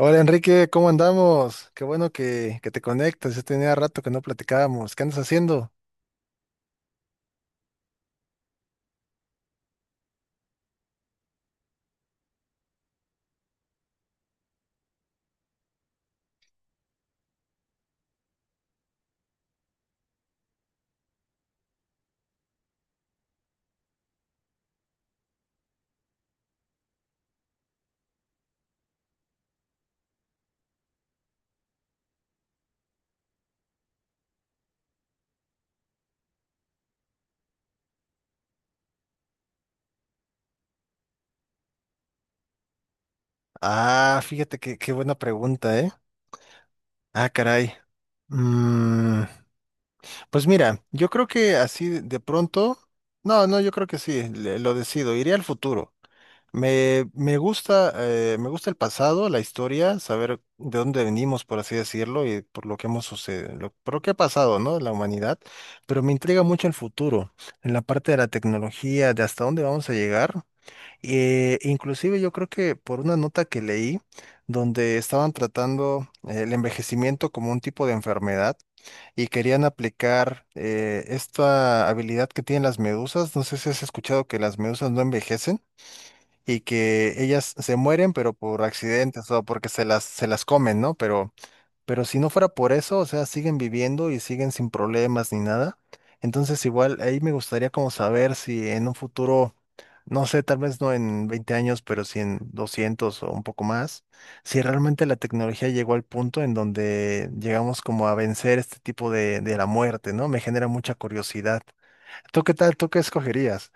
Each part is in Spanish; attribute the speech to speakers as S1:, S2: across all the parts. S1: Hola Enrique, ¿cómo andamos? Qué bueno que te conectas, ya tenía rato que no platicábamos. ¿Qué andas haciendo? Ah, fíjate que, qué buena pregunta, ¿eh? Ah, caray. Mm, pues mira, yo creo que así de pronto, no, no, yo creo que sí, lo decido, iré al futuro. Me, me gusta, me gusta el pasado, la historia, saber de dónde venimos, por así decirlo, y por lo que hemos sucedido, lo, por lo que ha pasado, ¿no? La humanidad, pero me intriga mucho el futuro, en la parte de la tecnología, de hasta dónde vamos a llegar. Inclusive yo creo que por una nota que leí, donde estaban tratando el envejecimiento como un tipo de enfermedad y querían aplicar esta habilidad que tienen las medusas, no sé si has escuchado que las medusas no envejecen y que ellas se mueren, pero por accidentes o porque se las comen, ¿no? Pero si no fuera por eso, o sea, siguen viviendo y siguen sin problemas ni nada. Entonces, igual ahí me gustaría como saber si en un futuro, no sé, tal vez no en 20 años, pero si en 200 o un poco más, si realmente la tecnología llegó al punto en donde llegamos como a vencer este tipo de la muerte, ¿no? Me genera mucha curiosidad. ¿Tú qué tal? ¿Tú qué escogerías?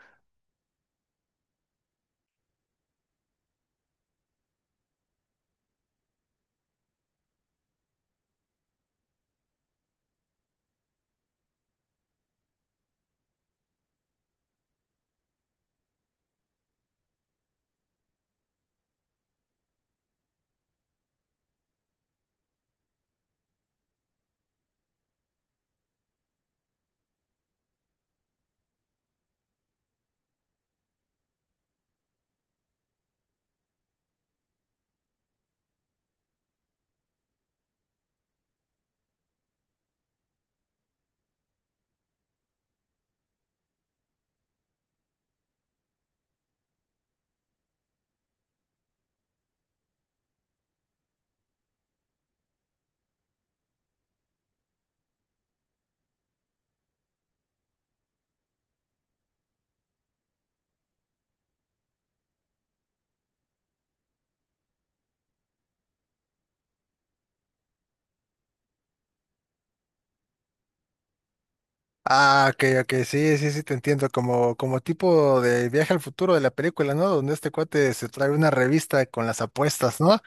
S1: Ah, ok, ok, sí, sí, sí, te entiendo, como, como tipo de viaje al futuro de la película, ¿no? Donde este cuate se trae una revista con las apuestas, ¿no?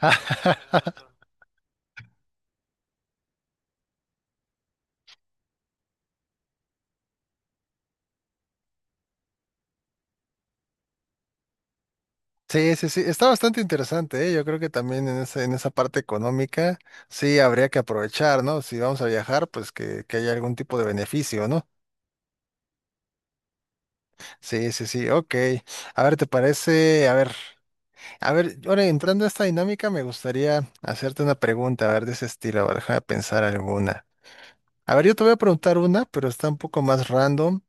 S1: Sí, sí, sí, está bastante interesante, ¿eh? Yo creo que también en esa parte económica sí habría que aprovechar, ¿no? Si vamos a viajar, pues que haya algún tipo de beneficio, ¿no? Sí, sí, sí, ok. A ver, ¿te parece? A ver, ahora entrando a esta dinámica, me gustaría hacerte una pregunta, a ver, de ese estilo, a ver, déjame pensar alguna. A ver, yo te voy a preguntar una, pero está un poco más random,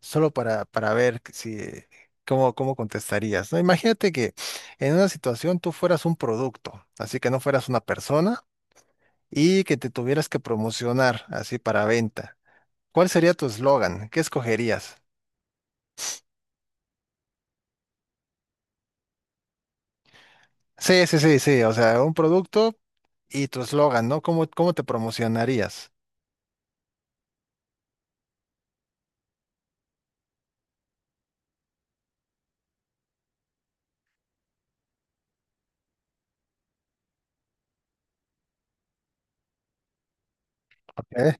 S1: solo para ver que si, cómo, cómo contestarías, ¿no? Imagínate que en una situación tú fueras un producto, así que no fueras una persona y que te tuvieras que promocionar así para venta. ¿Cuál sería tu eslogan? ¿Qué escogerías? Sí, sí, sí, sí, o sea, un producto y tu eslogan, ¿no? ¿Cómo, cómo te promocionarías? Ok.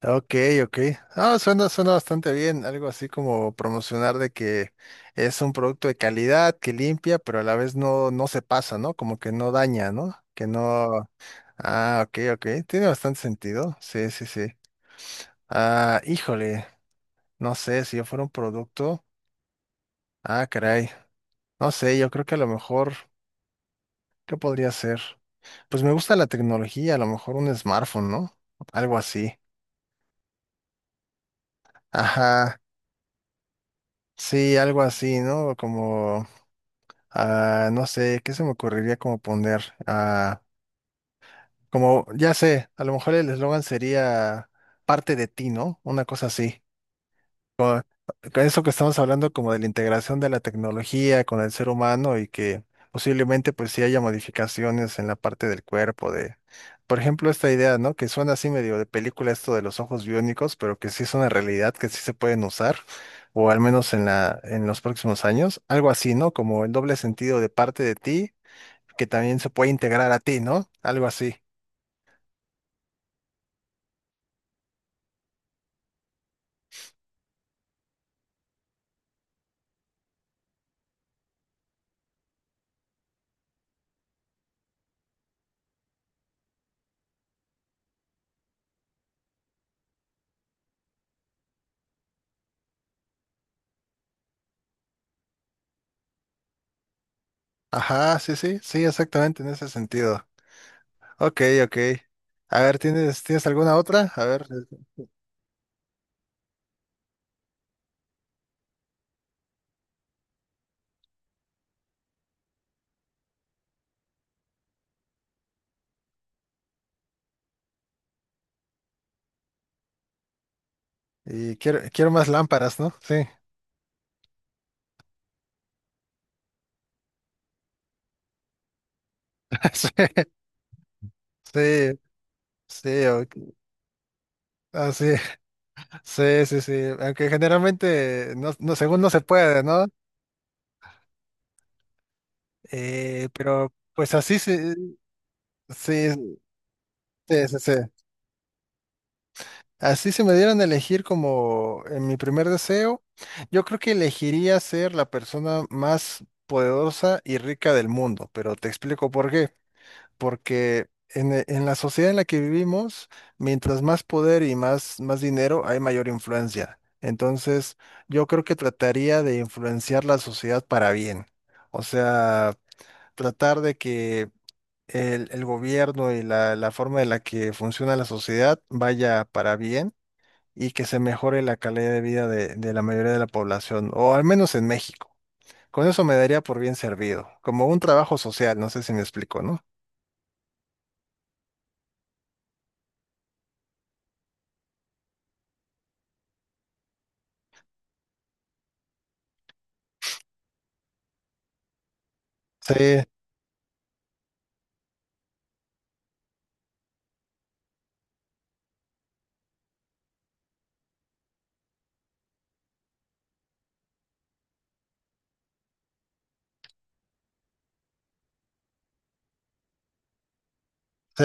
S1: Ok, ok. Ah, suena, suena bastante bien. Algo así como promocionar de que es un producto de calidad, que limpia, pero a la vez no, no se pasa, ¿no? Como que no daña, ¿no? Que no. Ah, ok, ok. Tiene bastante sentido. Sí, sí, sí. Ah, híjole. No sé, si yo fuera un producto. Ah, caray. No sé, yo creo que a lo mejor, ¿qué podría ser? Pues me gusta la tecnología, a lo mejor un smartphone, ¿no? Algo así. Ajá. Sí, algo así, ¿no? Como. Ah, no sé, ¿qué se me ocurriría como poner? Ah, como, ya sé, a lo mejor el eslogan sería parte de ti, ¿no? Una cosa así. Con, con eso que estamos hablando como de la integración de la tecnología con el ser humano y que posiblemente pues sí haya modificaciones en la parte del cuerpo de, por ejemplo, esta idea, ¿no? Que suena así medio de película esto de los ojos biónicos, pero que sí es una realidad, que sí se pueden usar, o al menos en la, en los próximos años. Algo así, ¿no? Como el doble sentido de parte de ti que también se puede integrar a ti, ¿no? Algo así. Ajá, sí, sí, sí, exactamente en ese sentido. Ok, ok. A ver, ¿tienes, tienes alguna otra? A ver, y quiero, quiero más lámparas, ¿no? Sí. Sí, sí, sí, o- ah, sí, sí, sí, sí. Aunque generalmente, no, no, según no se puede, ¿no? Pero pues así sí, sí, sí, sí, sí. sí. Así si me dieran a elegir como en mi primer deseo, yo creo que elegiría ser la persona más poderosa y rica del mundo, pero te explico por qué. Porque en, en la sociedad en la que vivimos, mientras más poder y más, más dinero, hay mayor influencia. Entonces, yo creo que trataría de influenciar la sociedad para bien. O sea, tratar de que el gobierno y la forma en la que funciona la sociedad vaya para bien y que se mejore la calidad de vida de la mayoría de la población, o al menos en México. Con eso me daría por bien servido, como un trabajo social, no sé si me explico, ¿no? Sí, sí,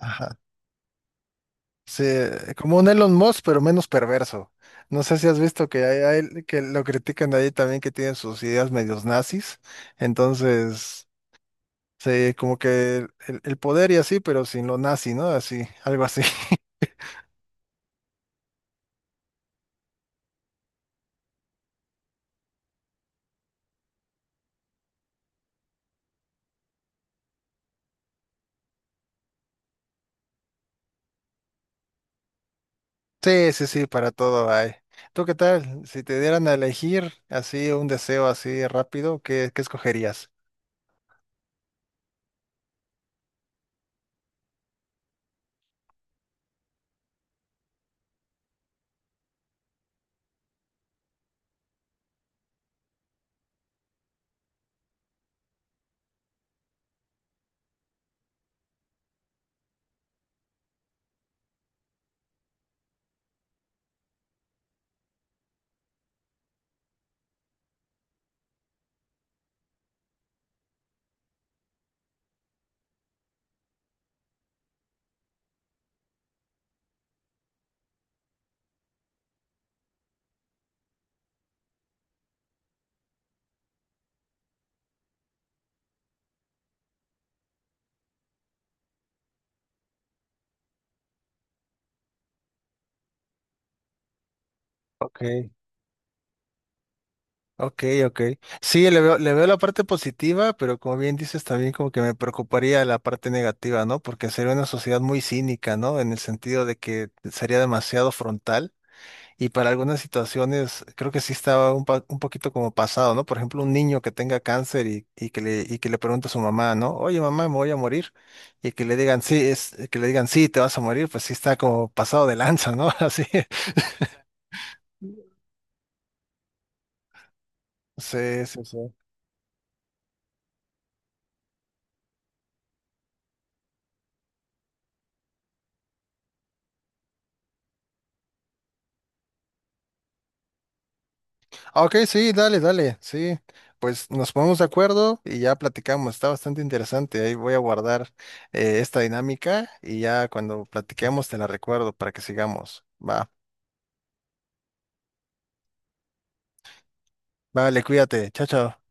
S1: ajá, sí, como un Elon Musk, pero menos perverso. No sé si has visto que hay- que lo critican ahí también que tienen sus ideas medios nazis. Entonces, sí, como que el poder y así, pero sin lo nazi, ¿no? Así, algo así. Sí, sí, sí, para todo hay. ¿Tú qué tal? Si te dieran a elegir así un deseo así rápido, ¿qué, qué escogerías? Ok, ok, ok. Sí, le veo la parte positiva, pero como bien dices, también como que me preocuparía la parte negativa, ¿no? Porque sería una sociedad muy cínica, ¿no? En el sentido de que sería demasiado frontal. Y para algunas situaciones creo que sí estaba un, un poquito como pasado, ¿no? Por ejemplo, un niño que tenga cáncer y que le pregunte a su mamá, ¿no? Oye, mamá, me voy a morir. Y que le digan, sí, es, que le digan, sí, te vas a morir, pues sí está como pasado de lanza, ¿no? Así. Sí, sí, sí. Ah, ok, sí, dale, dale, sí. Pues nos ponemos de acuerdo y ya platicamos. Está bastante interesante. Ahí voy a guardar esta dinámica y ya cuando platiquemos te la recuerdo para que sigamos. Va, vale, cuídate. Chao, chao.